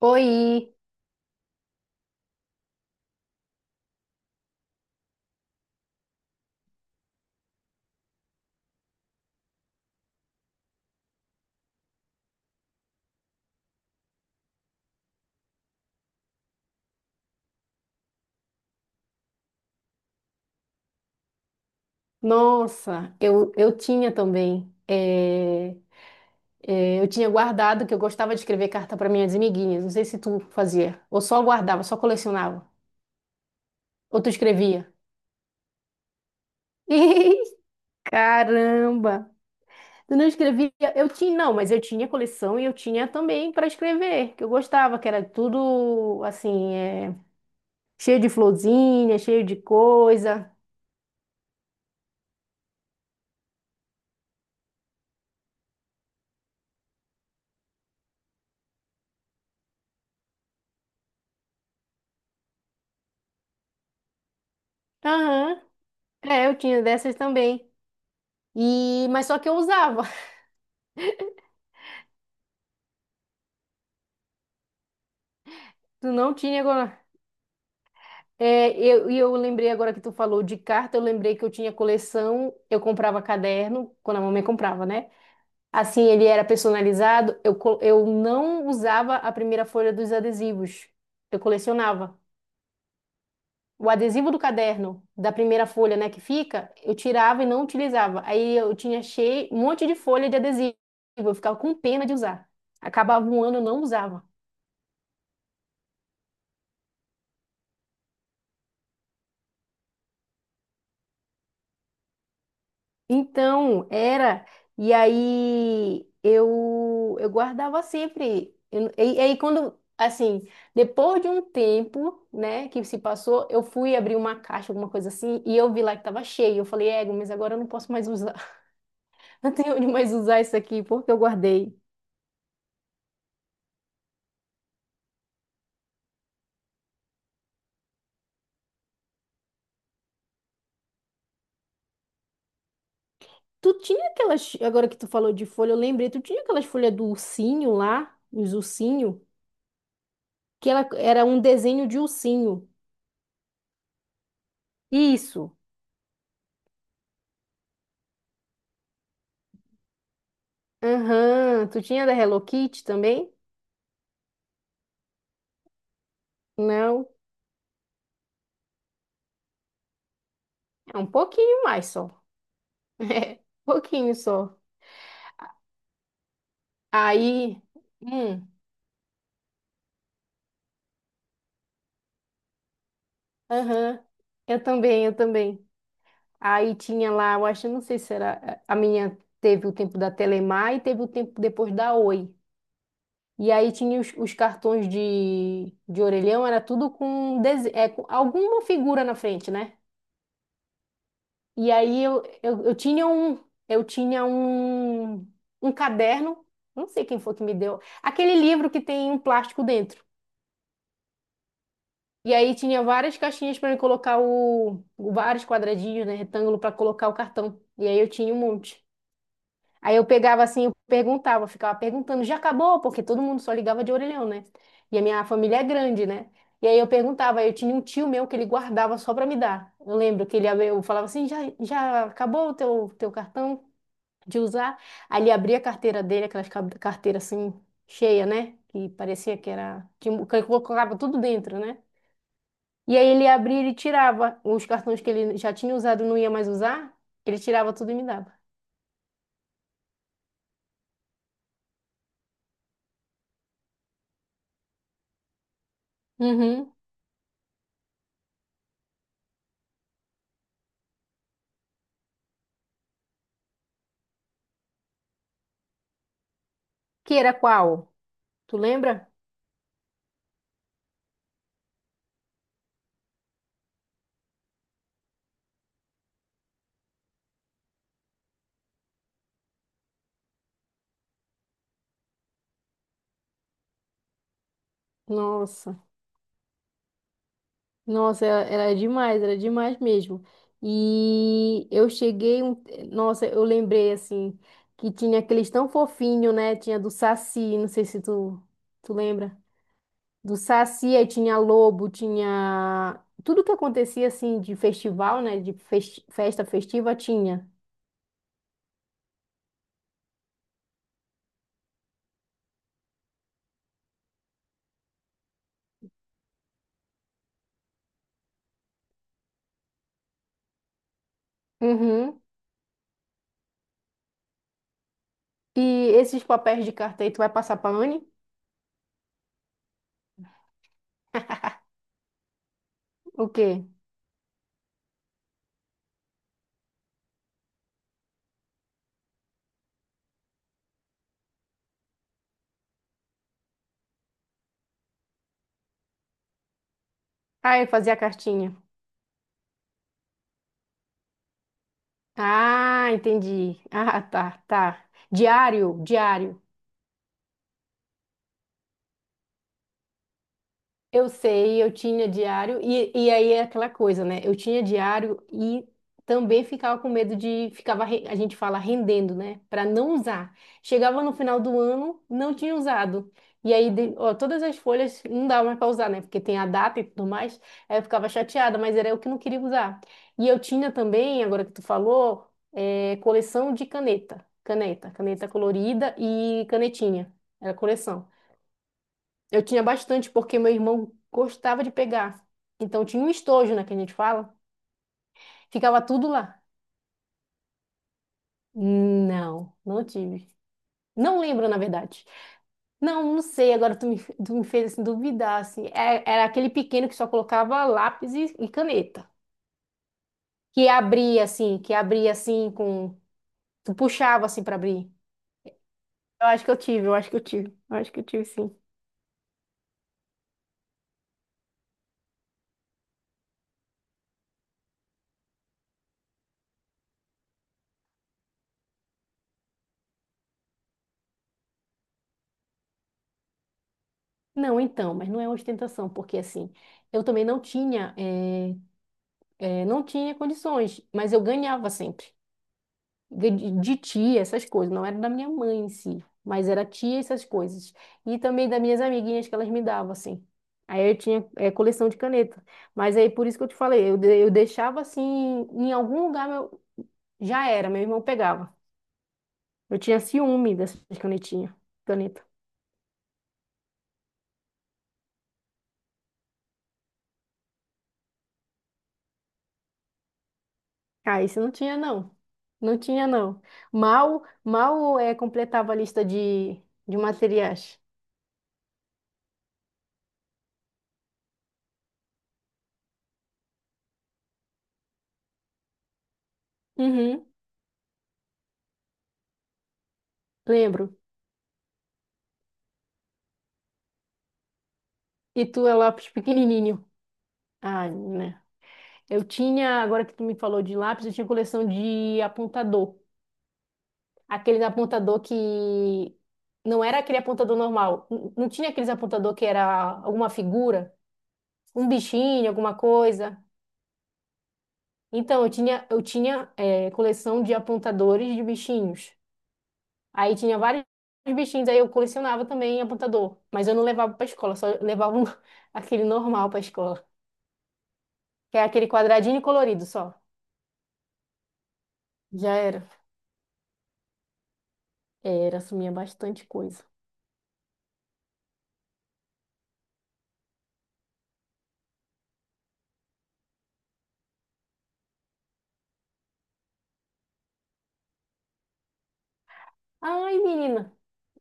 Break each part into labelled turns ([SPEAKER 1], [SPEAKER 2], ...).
[SPEAKER 1] Oi! Nossa, eu tinha também. Eu tinha guardado que eu gostava de escrever carta para minhas amiguinhas. Não sei se tu fazia, ou só guardava, só colecionava, ou tu escrevia. Caramba! Tu não escrevia? Eu tinha, não, mas eu tinha coleção e eu tinha também para escrever, que eu gostava, que era tudo assim, cheio de florzinha, cheio de coisa. Aham. É, eu tinha dessas também. E, mas só que eu usava. Tu não tinha agora. É, eu, e eu lembrei agora que tu falou de carta, eu lembrei que eu tinha coleção, eu comprava caderno, quando a mamãe comprava, né? Assim, ele era personalizado, eu, eu não usava a primeira folha dos adesivos, eu colecionava. O adesivo do caderno, da primeira folha, né, que fica, eu tirava e não utilizava. Aí eu tinha cheio, um monte de folha de adesivo, eu ficava com pena de usar. Acabava um ano, eu não usava. Então, era. E aí eu guardava sempre. E aí quando, assim, depois de um tempo, né, que se passou, eu fui abrir uma caixa, alguma coisa assim, e eu vi lá que tava cheio. Eu falei, ego, mas agora eu não posso mais usar. Não tenho onde mais usar isso aqui, porque eu guardei. Tu tinha aquelas, agora que tu falou de folha, eu lembrei, tu tinha aquelas folhas do ursinho lá, os ursinhos, que ela, era um desenho de ursinho. Isso. Aham. Tu tinha da Hello Kitty também? Não, é um pouquinho mais só. É, pouquinho só. Aí, hum, aham, eu também, eu também. Aí tinha lá, eu acho, não sei se era a minha, teve o tempo da Telemar e teve o tempo depois da Oi. E aí tinha os cartões de orelhão, era tudo com, com alguma figura na frente, né? E aí eu, eu tinha um, eu tinha um, um caderno, não sei quem foi que me deu, aquele livro que tem um plástico dentro. E aí tinha várias caixinhas para colocar o, vários quadradinhos, né, retângulo para colocar o cartão. E aí eu tinha um monte. Aí eu pegava assim, eu perguntava, eu ficava perguntando, já acabou? Porque todo mundo só ligava de orelhão, né? E a minha família é grande, né? E aí eu perguntava, aí eu tinha um tio meu que ele guardava só para me dar. Eu lembro que eu falava assim, já, já acabou o teu, teu cartão de usar? Aí ele abria a carteira dele, carteiras assim cheia, né? Que parecia que era que colocava tudo dentro, né? E aí ele abria e ele tirava os cartões que ele já tinha usado, e não ia mais usar, ele tirava tudo e me dava. Uhum. Que era qual? Tu lembra? Nossa, nossa, era, era demais mesmo. E eu cheguei, um... nossa, eu lembrei assim que tinha aqueles tão fofinho, né? Tinha do Saci, não sei se tu lembra. Do Saci, aí tinha lobo, tinha tudo que acontecia assim de festival, né? De festa festiva tinha. Uhum. E esses papéis de carta aí, tu vai passar pra Anne? O quê? Ah, eu fazia a cartinha. Ah, entendi. Ah, tá, tá. Diário, diário. Eu sei, eu tinha diário, e aí é aquela coisa, né? Eu tinha diário e também ficava com medo de, ficava, a gente fala, rendendo, né? Para não usar. Chegava no final do ano, não tinha usado. E aí, ó, todas as folhas não dava mais para usar, né? Porque tem a data e tudo mais. Aí eu ficava chateada, mas era eu que não queria usar. E eu tinha também, agora que tu falou, coleção de caneta. Caneta, caneta colorida e canetinha. Era coleção. Eu tinha bastante, porque meu irmão gostava de pegar. Então tinha um estojo, né, que a gente fala. Ficava tudo lá. Não, não tive. Não lembro, na verdade. Não, não sei. Agora tu me fez assim, duvidar, assim. Era aquele pequeno que só colocava lápis e caneta. Que abria, assim, com... Tu puxava, assim, pra abrir. Eu acho que eu tive, eu acho que eu tive. Eu acho que eu tive, sim. Não, então, mas não é ostentação, porque, assim, eu também não tinha... eu não tinha condições, mas eu ganhava sempre. De tia, essas coisas. Não era da minha mãe em si, mas era tia, essas coisas. E também das minhas amiguinhas que elas me davam, assim. Aí eu tinha coleção de caneta. Mas aí por isso que eu te falei, eu, eu deixava assim, em algum lugar meu, já era, meu irmão pegava. Eu tinha ciúme dessas canetinhas, caneta. Ah, isso não tinha, não. Não tinha, não. Mal, mal completava a lista de materiais. Uhum, lembro. E tu é lápis pequenininho. Ai, né? Eu tinha, agora que tu me falou de lápis, eu tinha coleção de apontador. Aquele apontador que não era aquele apontador normal. Não tinha aqueles apontador que era alguma figura, um bichinho, alguma coisa. Então, eu tinha coleção de apontadores de bichinhos. Aí tinha vários bichinhos, aí eu colecionava também apontador. Mas eu não levava pra escola, só levava aquele normal pra escola. Que é aquele quadradinho colorido só. Já era. Era, sumia bastante coisa. Ai, menina.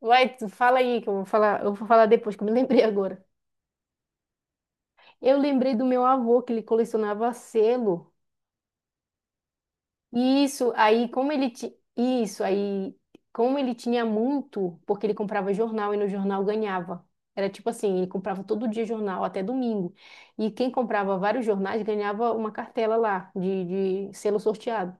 [SPEAKER 1] Vai, tu fala aí, que eu vou falar depois, que eu me lembrei agora. Eu lembrei do meu avô, que ele colecionava selo. Isso, aí como ele ti... isso aí como ele tinha muito, porque ele comprava jornal e no jornal ganhava. Era tipo assim, ele comprava todo dia jornal até domingo. E quem comprava vários jornais ganhava uma cartela lá de selo sorteado,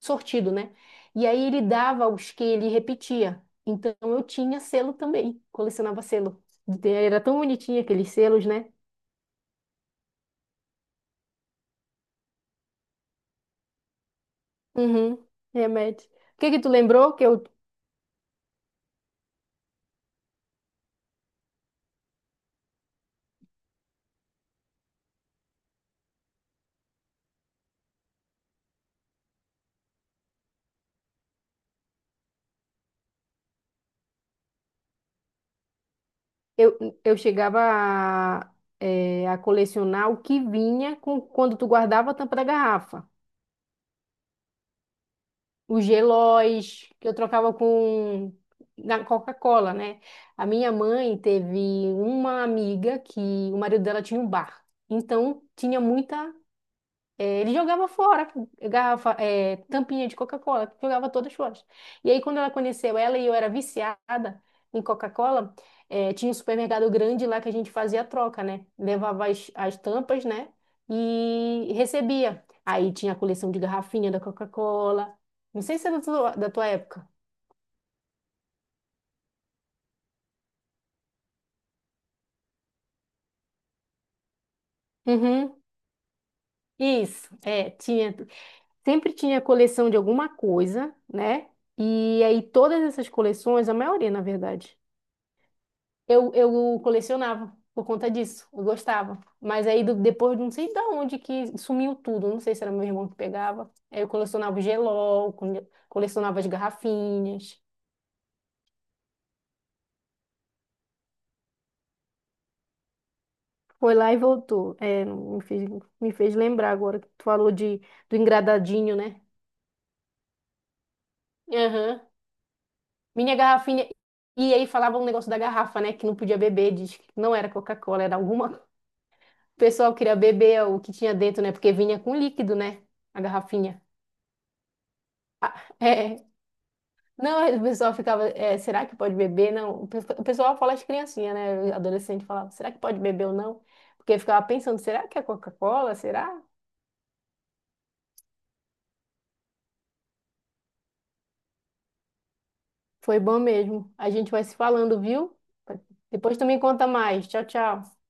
[SPEAKER 1] sortido, né? E aí ele dava os que ele repetia. Então eu tinha selo também, colecionava selo. Era tão bonitinho aqueles selos, né? Uhum, remédio. O que que tu lembrou que eu... Eu, eu chegava a, a colecionar o que vinha com, quando tu guardava a tampa da garrafa. Os gelóis que eu trocava com na Coca-Cola, né? A minha mãe teve uma amiga que o marido dela tinha um bar. Então tinha muita... É, ele jogava fora garrafa, é, tampinha de Coca-Cola, jogava todas fora. E aí, quando ela conheceu ela e eu era viciada em Coca-Cola, é, tinha um supermercado grande lá que a gente fazia a troca, né? Levava as, as tampas, né? E recebia. Aí tinha a coleção de garrafinha da Coca-Cola. Não sei se é da tua época. Uhum. Isso, é, tinha, sempre tinha coleção de alguma coisa, né? E aí todas essas coleções, a maioria, na verdade, eu colecionava por conta disso, eu gostava. Mas aí depois de não sei de onde que sumiu tudo, não sei se era meu irmão que pegava. Aí eu colecionava o gelol, colecionava as garrafinhas. Foi lá e voltou. É, me fez lembrar agora que tu falou de, do engradadinho, né? Aham. Minha garrafinha. E aí falava um negócio da garrafa, né? Que não podia beber, diz que não era Coca-Cola, era alguma. O pessoal queria beber o que tinha dentro, né? Porque vinha com líquido, né? A garrafinha. Ah, é. Não, é, o pessoal ficava, é, será que pode beber? Não, o pessoal fala as criancinhas, né? Adolescente falava, será que pode beber ou não? Porque ficava pensando, será que é Coca-Cola? Será? Foi bom mesmo. A gente vai se falando, viu? Depois tu me conta mais. Tchau, tchau.